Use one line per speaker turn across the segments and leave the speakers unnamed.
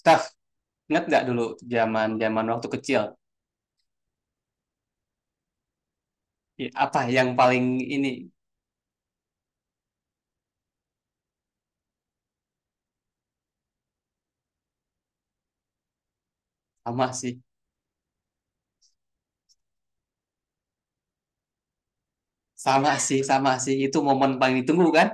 Staff, ingat nggak dulu zaman zaman waktu kecil? Apa yang paling ini. Sama sih, sama sih, sama sih. Itu momen paling ditunggu kan?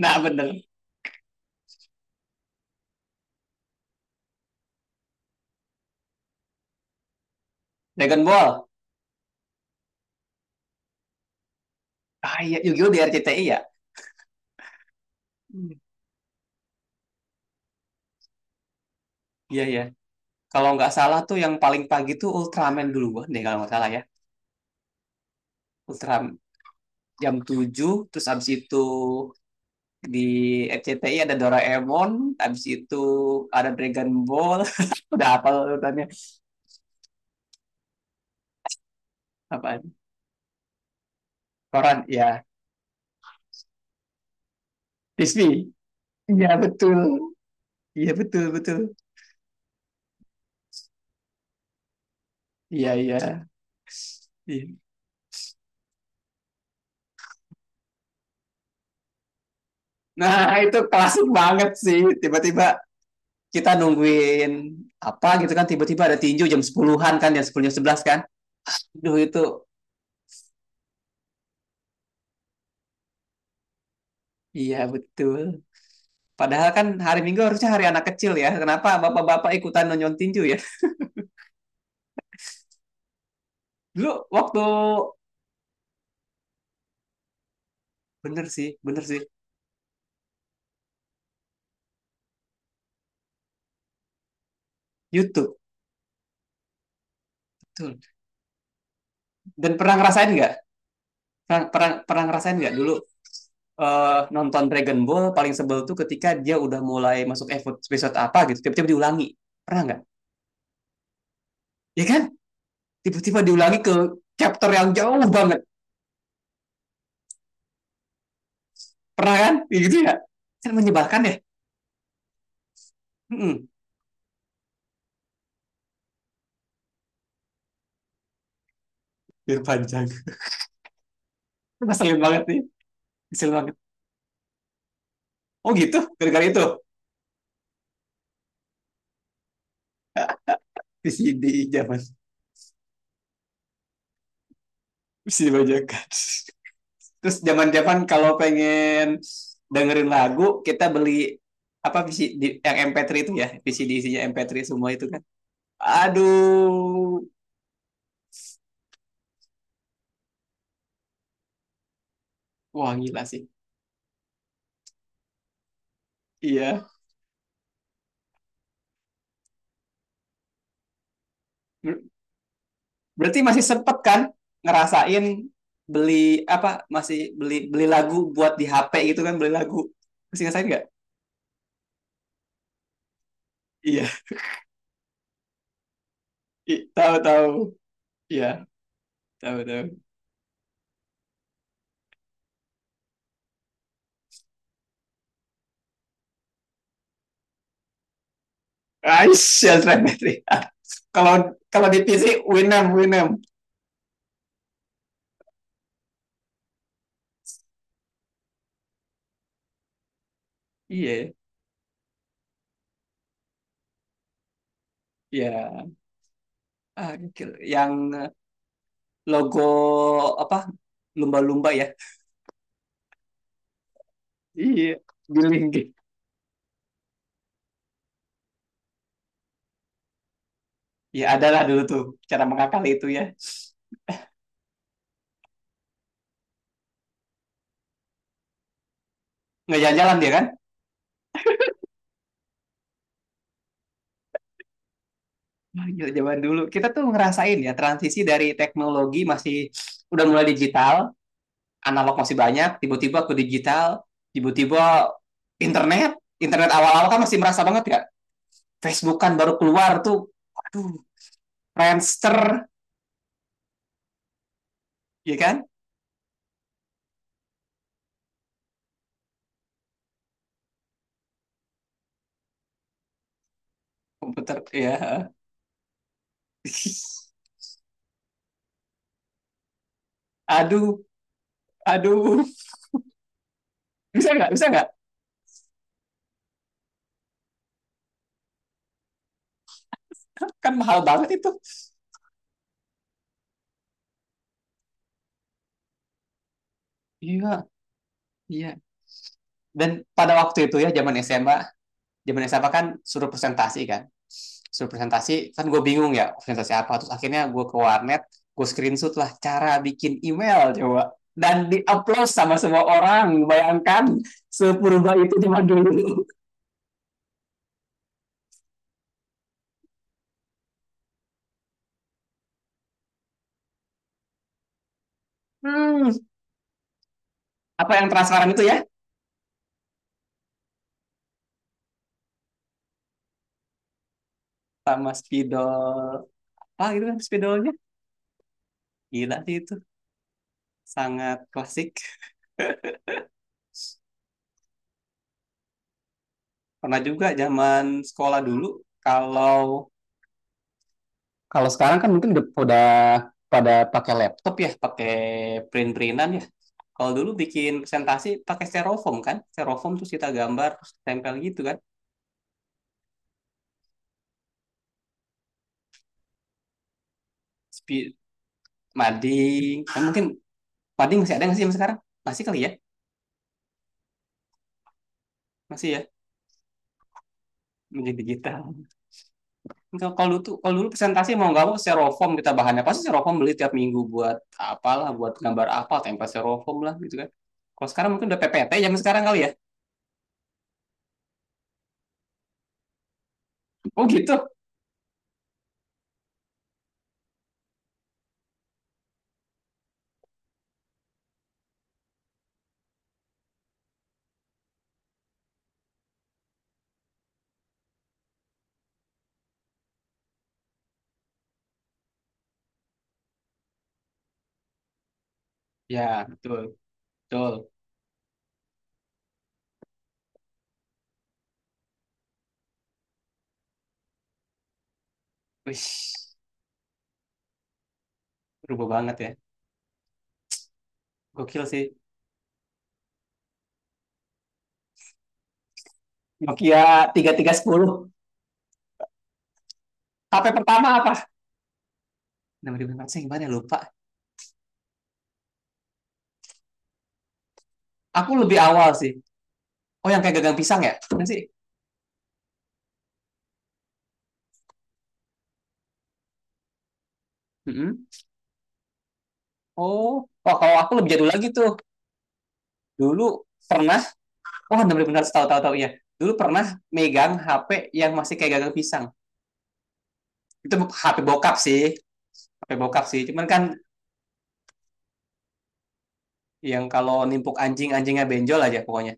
Nah bener. Dragon Ball. Ah iya, Yu-Gi-Oh di RCTI ya? Hmm. Iya ya. Kalau nggak salah tuh yang paling pagi tuh Ultraman duluan deh, kalau nggak salah ya. Ultraman jam 7, terus abis itu di RCTI ada Doraemon, abis itu ada Dragon Ball. Udah, apa urutannya? Apaan? Koran, ya. Disney. Iya betul. Iya betul betul. Iya iya. Iya. Nah, itu klasik banget sih. Tiba-tiba kita nungguin apa gitu kan. Tiba-tiba ada tinju jam 10-an kan. Jam 10, jam 11 kan. Duh itu. Iya betul. Padahal kan hari Minggu harusnya hari anak kecil ya. Kenapa bapak-bapak ikutan nonton tinju ya? Dulu waktu bener sih, bener sih. YouTube. Betul. Dan pernah ngerasain nggak Pernah, pernah, pernah ngerasain nggak dulu, nonton Dragon Ball paling sebel tuh ketika dia udah mulai masuk episode, episode apa gitu, tiba-tiba diulangi. Pernah nggak? Ya kan? Tiba-tiba diulangi ke chapter yang jauh banget. Pernah kan? Ya gitu ya? Kan menyebalkan ya? Mm-mm. Biar panjang. Ngeselin banget nih. Ngeselin banget. Oh gitu? Gara-gara itu? VCD zaman. VCD bajakan. Terus zaman-zaman kalau pengen dengerin lagu, kita beli apa visi di, yang MP3 itu ya, VCD isinya MP3 semua itu kan. Aduh, wah gila sih. Iya. Ber- berarti masih sempet kan ngerasain beli apa masih beli beli lagu buat di HP gitu kan, beli lagu. Masih ngerasain nggak? Iya. Tahu tahu. Iya, tahu tahu. Aisyah MP3. Kalau kalau di PC Winamp Winamp. Iya, ya. Ah, gokil, yang logo apa, lumba-lumba ya. Iya giling gitu. Ya adalah dulu tuh cara mengakali itu ya. Nggak jalan-jalan dia kan. Wah, gila, zaman dulu kita tuh ngerasain ya transisi dari teknologi masih, udah mulai digital, analog masih banyak, tiba-tiba ke digital, tiba-tiba internet internet awal-awal kan masih merasa banget ya. Facebook kan baru keluar tuh. Aduh, Friendster ya kan. Komputer ya. Aduh, aduh. Bisa nggak? Bisa nggak? Kan mahal banget itu. Iya, iya. Dan pada waktu itu ya, zaman SMA kan suruh presentasi kan. Suruh presentasi, kan gue bingung ya, presentasi apa. Terus akhirnya gue ke warnet, gue screenshot lah cara bikin email coba. Dan di-upload sama semua orang. Bayangkan, sepurba itu zaman dulu. Hmm, apa yang transparan itu ya? Sama spidol, apa gitu kan spidolnya. Gila sih itu. Sangat klasik. Pernah juga zaman sekolah dulu. Kalau kalau sekarang kan mungkin udah pada pakai laptop ya, pakai print-printan ya. Kalau dulu bikin presentasi pakai styrofoam kan? Styrofoam, terus kita gambar terus tempel gitu kan. Spi- mading. Nah, mungkin mading masih ada nggak sih yang sekarang? Masih kali ya? Masih ya? Menjadi digital. Kalau kalau dulu presentasi mau nggak mau styrofoam, kita bahannya pasti styrofoam, beli tiap minggu buat apalah, buat gambar apa, tempel styrofoam lah gitu kan. Kalau sekarang mungkin udah PPT zaman sekarang kali ya. Oh gitu. Ya, betul, betul. Wih, berubah banget ya. Gokil sih. Nokia 3310. HP pertama apa? 6500 yang gimana ya? Lupa. Aku lebih awal sih. Oh, yang kayak gagang pisang ya? Kan sih? Mm-mm. Oh, wah kalau aku lebih jadul lagi tuh. Dulu pernah, oh 6600, tahu-tahu tahu tahu ya. Dulu pernah megang HP yang masih kayak gagang pisang. Itu HP bokap sih. HP bokap sih. Cuman kan yang kalau nimpuk anjing, anjingnya benjol aja pokoknya.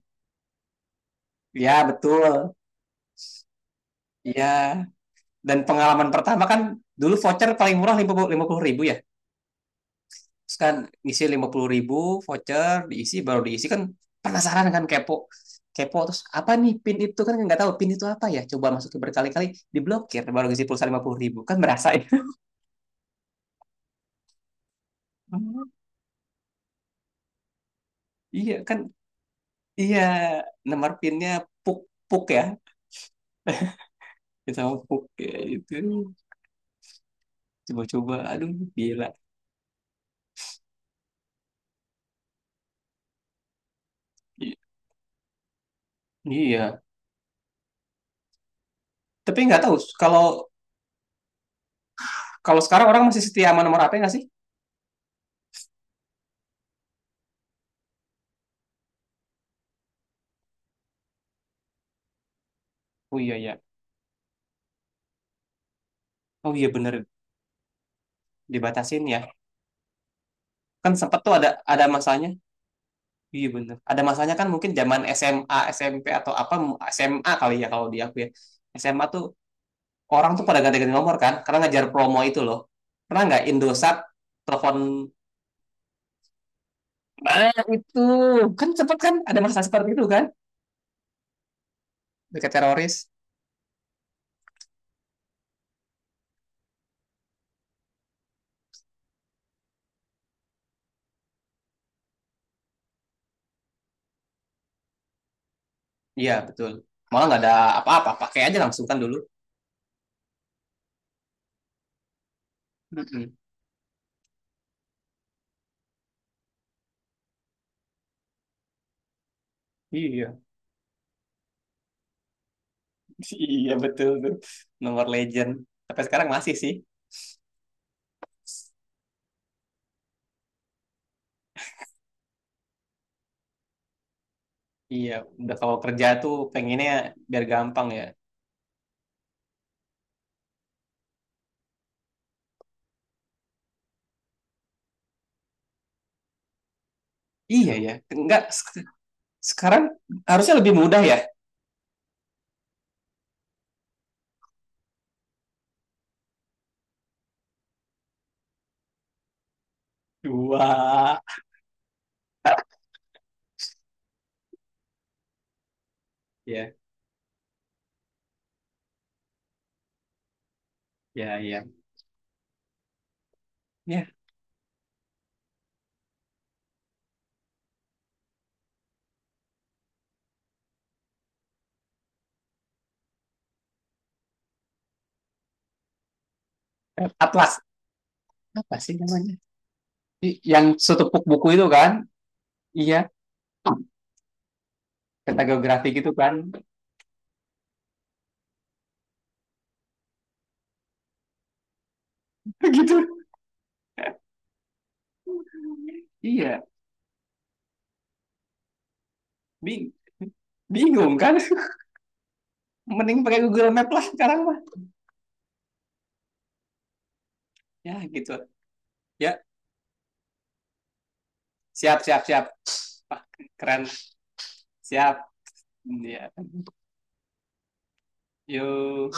Ya, betul. Iya. Dan pengalaman pertama kan dulu voucher paling murah 50.000 ya, terus kan ngisi 50.000 voucher, diisi baru diisi kan, penasaran kan, kepo kepo, terus apa nih pin itu kan, nggak tahu pin itu apa ya, coba masukin berkali-kali, diblokir baru ngisi pulsa 50.000 kan, merasa ya. Oh, iya kan. Iya, nomor pinnya puk, puk ya. Kita mau puk ya itu, coba-coba. Aduh, gila. Iya, tapi nggak tahu kalau kalau sekarang orang masih setia sama nomor apa nggak sih. Oh iya ya. Oh iya, bener. Dibatasin ya. Kan sempet tuh ada masanya. Iya bener. Ada masanya kan mungkin zaman SMA, SMP atau apa, SMA kali ya kalau di aku ya. SMA tuh orang tuh pada ganti-ganti nomor kan, karena ngajar promo itu loh. Pernah nggak Indosat telepon. Nah, itu kan cepet kan, ada masa seperti itu kan, dekat teroris. Iya betul. Malah nggak ada apa-apa, pakai aja langsung kan dulu. Mm-mm. Iya, iya betul tuh. Nomor legend. Tapi sekarang masih sih. Iya, udah kalau kerja tuh pengennya biar gampang ya. Iya ya, enggak sekarang harusnya lebih mudah ya. Dua, ya, ya, ya, ya. Atlas, apa sih namanya? Yang setepuk buku itu kan? Iya, peta geografi gitu kan? Gitu. Iya, bing bingung kan? Mending pakai Google Map lah sekarang mah. Ya gitu. Ya, siap, siap, siap. Wah, keren. Siap. Ya. Yuk.